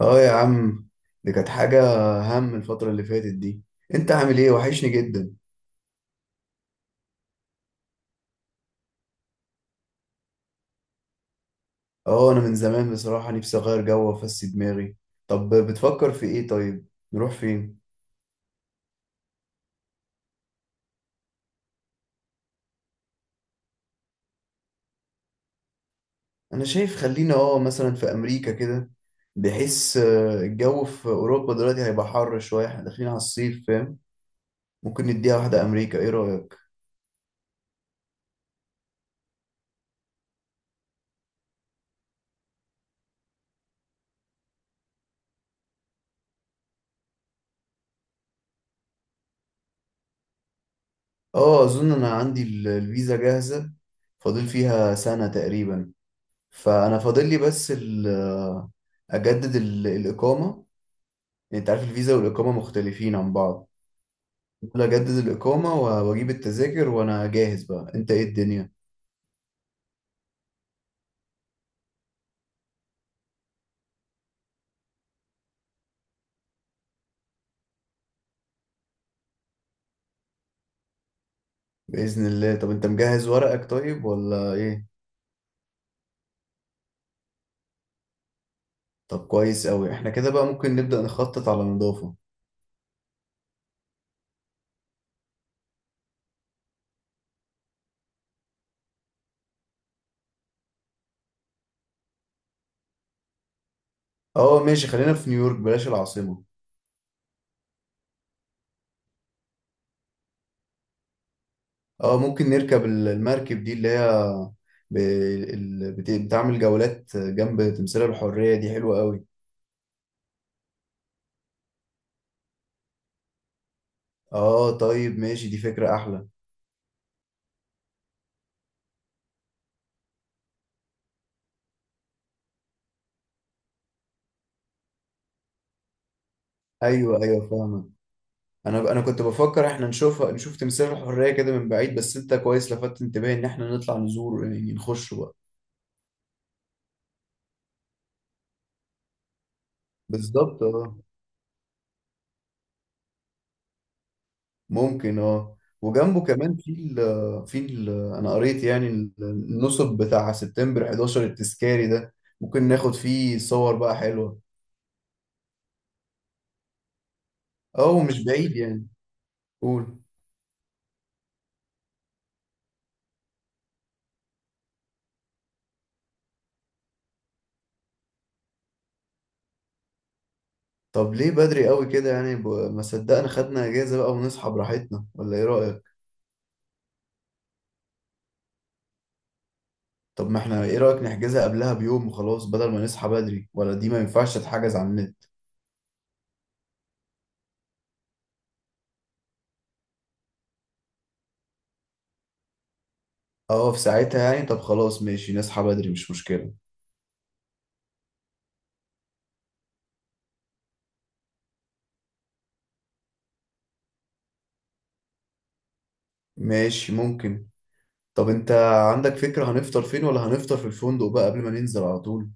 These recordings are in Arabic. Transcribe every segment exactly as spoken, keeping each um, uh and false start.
اه يا عم، دي كانت حاجة. هم الفترة اللي فاتت دي. انت عامل ايه؟ وحشني جدا. اه، انا من زمان بصراحة نفسي اغير جو وافسي دماغي. طب بتفكر في ايه طيب؟ نروح فين؟ انا شايف خلينا اه مثلا في امريكا كده، بحيث آه، الجو في اوروبا دلوقتي هيبقى حر شوية، احنا داخلين على الصيف فاهم. ممكن نديها واحدة امريكا، ايه رأيك؟ اه، اظن انا عندي ال- الفيزا جاهزة، فاضل فيها سنة تقريبا. فانا فاضل لي بس ال- آه، اجدد ال- الاقامة. يعني انت عارف الفيزا والاقامه مختلفين عن بعض. ممكن اجدد الاقامه واجيب التذاكر وانا جاهز بقى، انت ايه الدنيا؟ باذن الله. طب انت مجهز ورقك طيب ولا ايه؟ طب كويس قوي، احنا كده بقى ممكن نبدا نخطط على نظافه. اه ماشي، خلينا في نيويورك بلاش العاصمه. اه ممكن نركب ال- المركب دي اللي هي ب... ال- بت- بتعمل جولات جنب تمثال الحريه، دي حلوه قوي. اه طيب ماشي، دي فكره احلى. ايوه ايوه، فاهمك. انا انا كنت بفكر احنا نشوف نشوف تمثال الحريه كده من بعيد، بس انت كويس لفتت انتباهي ان احنا نطلع نزور، يعني نخش بقى. بالظبط اه. ممكن اه، وجنبه كمان في ال في ال انا قريت يعني ال- النصب بتاع سبتمبر حداشر التذكاري ده، ممكن ناخد فيه صور بقى حلوه. اه ومش بعيد يعني. قول. طب ليه بدري قوي كده يعني، ب- ما صدقنا خدنا اجازه بقى ونصحى براحتنا، ولا ايه رايك؟ طب ما احنا، ايه رأيك نحجزها قبلها بيوم وخلاص، بدل ما نصحى بدري؟ ولا دي ما ينفعش تتحجز على النت؟ اه في ساعتها يعني. طب خلاص ماشي، نصحى بدري مش مشكلة. ماشي ممكن. طب انت عندك فكرة هنفطر فين، ولا هنفطر في الفندق بقى قبل ما ننزل على طول؟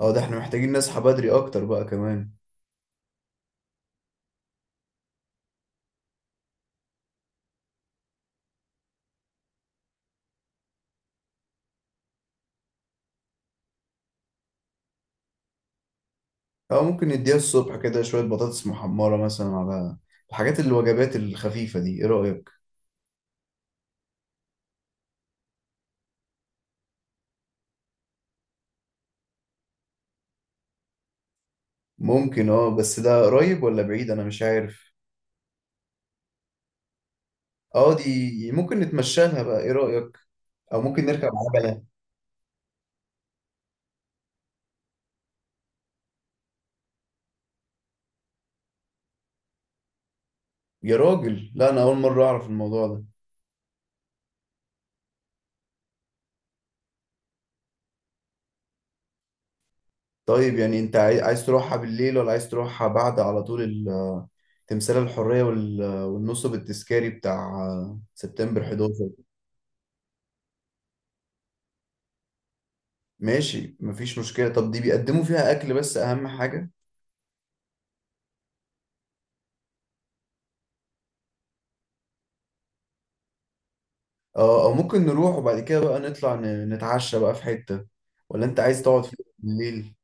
اه ده احنا محتاجين نصحى بدري اكتر بقى كمان. او ممكن نديها الصبح كده شوية بطاطس محمرة مثلا، على الحاجات الوجبات الخفيفة دي، ايه رأيك؟ ممكن اه، بس ده قريب ولا بعيد انا مش عارف. اه دي ممكن نتمشى لها بقى، ايه رأيك؟ او ممكن نركب عجلة. يا راجل لا، انا اول مرة اعرف الموضوع ده. طيب يعني انت عاي- عايز تروحها بالليل، ولا عايز تروحها بعد على طول ال- تمثال الحرية وال- والنصب التذكاري بتاع سبتمبر حداشر؟ ماشي مفيش مشكلة. طب دي بيقدموا فيها أكل بس، أهم حاجة؟ اه أو ممكن نروح وبعد كده بقى نطلع ن- نتعشى بقى في حتة، ولا انت عايز تقعد في بالليل؟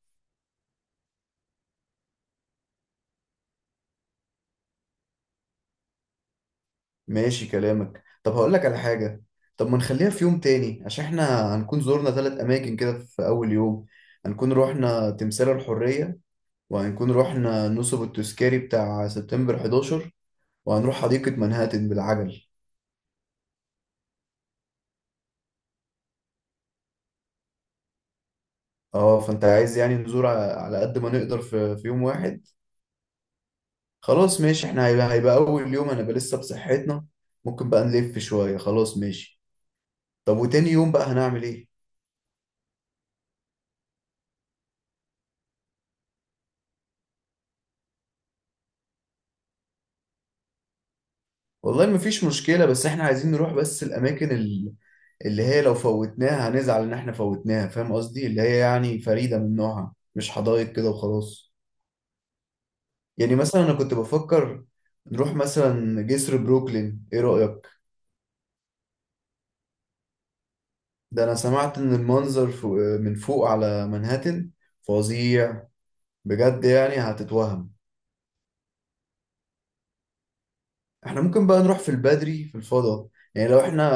ماشي كلامك. طب هقول لك على حاجة. طب ما نخليها في يوم تاني، عشان احنا هنكون زورنا ثلاث أماكن كده في أول يوم. هنكون روحنا تمثال الحرية، وهنكون رحنا نصب التذكاري بتاع سبتمبر حداشر، وهنروح حديقة منهاتن بالعجل. اه فانت عايز يعني نزور ع- على قد ما نقدر في, في يوم واحد. خلاص ماشي، احنا هيبقى, هيبقى اول يوم هنبقى لسه بصحتنا، ممكن بقى نلف شوية. خلاص ماشي. طب وتاني يوم بقى هنعمل ايه؟ والله مفيش مشكلة، بس احنا عايزين نروح بس الاماكن ال- اللي هي لو فوتناها هنزعل ان احنا فوتناها، فاهم قصدي، اللي هي يعني فريدة من نوعها، مش حدائق كده وخلاص. يعني مثلا انا كنت بفكر نروح مثلا جسر بروكلين، ايه رأيك؟ ده انا سمعت ان المنظر فوق، من فوق على منهاتن فظيع بجد، يعني هتتوهم. احنا ممكن بقى نروح في البدري في الفضاء. يعني لو احنا،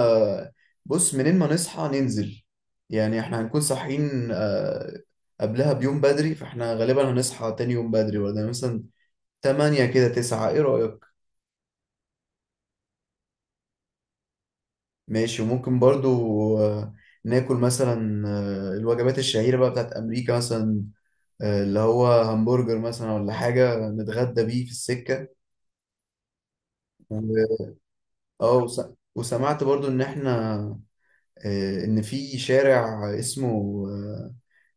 بص، منين ما نصحى ننزل. يعني احنا هنكون صاحيين آه، قبلها بيوم بدري، فاحنا غالبا هنصحى تاني يوم بدري، ولا مثلا تمانية كده تسعة، ايه رأيك؟ ماشي. وممكن برضو آه، ناكل مثلا آه، الوجبات الشهيرة بقى بتاعت أمريكا مثلا، آه، اللي هو همبرجر مثلا ولا حاجة، نتغدى بيه في السكة. و... اه وس... وسمعت برضو إن إحنا آه، إن في شارع اسمه آه،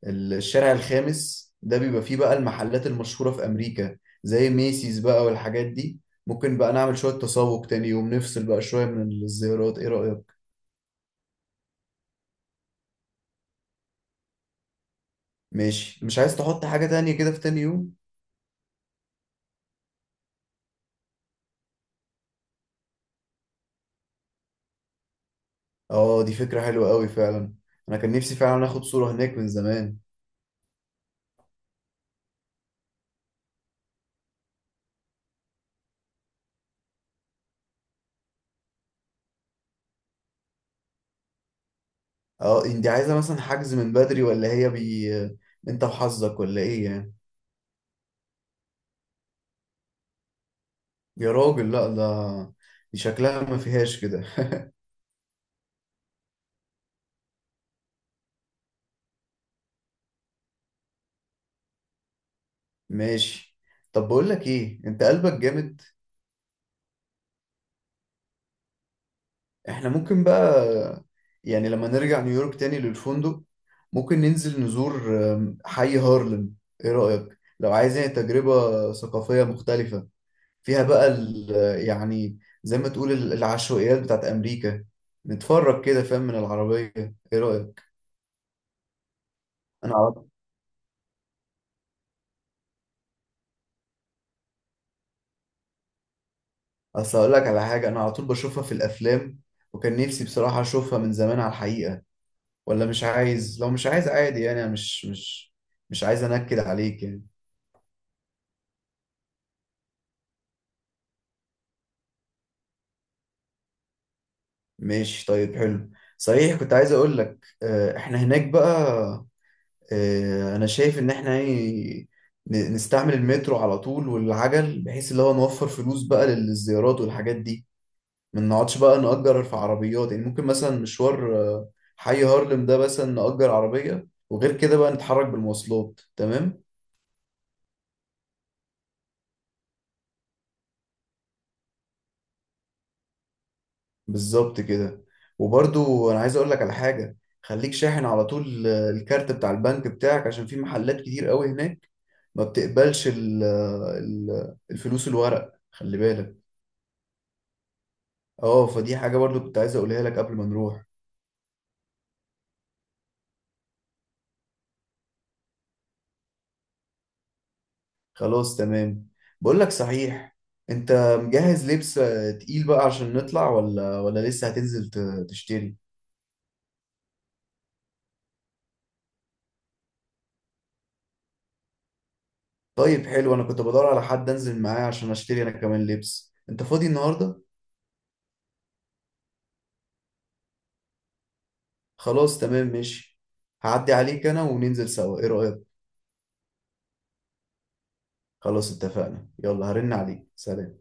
الشارع الخامس ده، بيبقى فيه بقى المحلات المشهورة في أمريكا، زي ميسيز بقى والحاجات دي. ممكن بقى نعمل شوية تسوق تاني يوم، نفصل بقى شوية من الزيارات، إيه رأيك؟ ماشي. مش عايز تحط حاجة تانية كده في تاني يوم؟ اه دي فكرة حلوة قوي فعلا، انا كان نفسي فعلا اخد صورة هناك من زمان. اه انت عايزة مثلا حجز من بدري، ولا هي بي، انت وحظك ولا ايه يعني؟ يا راجل لا، ده دي شكلها ما فيهاش كده. ماشي. طب بقول لك ايه، انت قلبك جامد. احنا ممكن بقى، يعني لما نرجع نيويورك تاني للفندق، ممكن ننزل نزور آم، حي هارلم، ايه رأيك؟ لو عايز يعني تجربة ثقافية مختلفة، فيها بقى ال- يعني زي ما تقول ال- العشوائيات بتاعت أمريكا، نتفرج كده فاهم من العربية، إيه رأيك؟ أنا على- أصل أقول لك على حاجة، أنا على طول بشوفها في الأفلام، وكان نفسي بصراحة أشوفها من زمان على الحقيقة. ولا مش عايز؟ لو مش عايز عادي يعني، أنا مش مش مش عايز أنكد عليك يعني. ماشي طيب حلو. صحيح كنت عايز أقول لك آه، إحنا هناك بقى، آه، انا شايف ان احنا يعني ن- نستعمل المترو على طول والعجل، بحيث اللي هو نوفر فلوس بقى للزيارات والحاجات دي، ما نقعدش بقى نأجر في عربيات. يعني ممكن مثلا مشوار آه، حي هارلم ده مثلا نأجر عربية، وغير كده بقى نتحرك بالمواصلات تمام. بالظبط كده. وبرضو انا عايز اقول لك على حاجة، خليك شاحن على طول آه، الكارت بتاع البنك بتاعك، عشان في محلات كتير قوي هناك ما بتقبلش ال- آه، ال- الفلوس الورق، خلي بالك. اه فدي حاجة برضو كنت عايز اقولها لك قبل ما نروح. خلاص تمام. بقول لك صحيح، انت مجهز لبس آه، تقيل بقى عشان نطلع، ولا ولا لسه هتنزل ت- تشتري؟ طيب حلو، انا كنت بدور على حد انزل معاه عشان اشتري انا كمان لبس. انت فاضي النهاردة؟ خلاص تمام ماشي، هعدي عليك انا وننزل سوا، ايه رأيك؟ خلاص اتفقنا، يلا هرن عليك، سلام.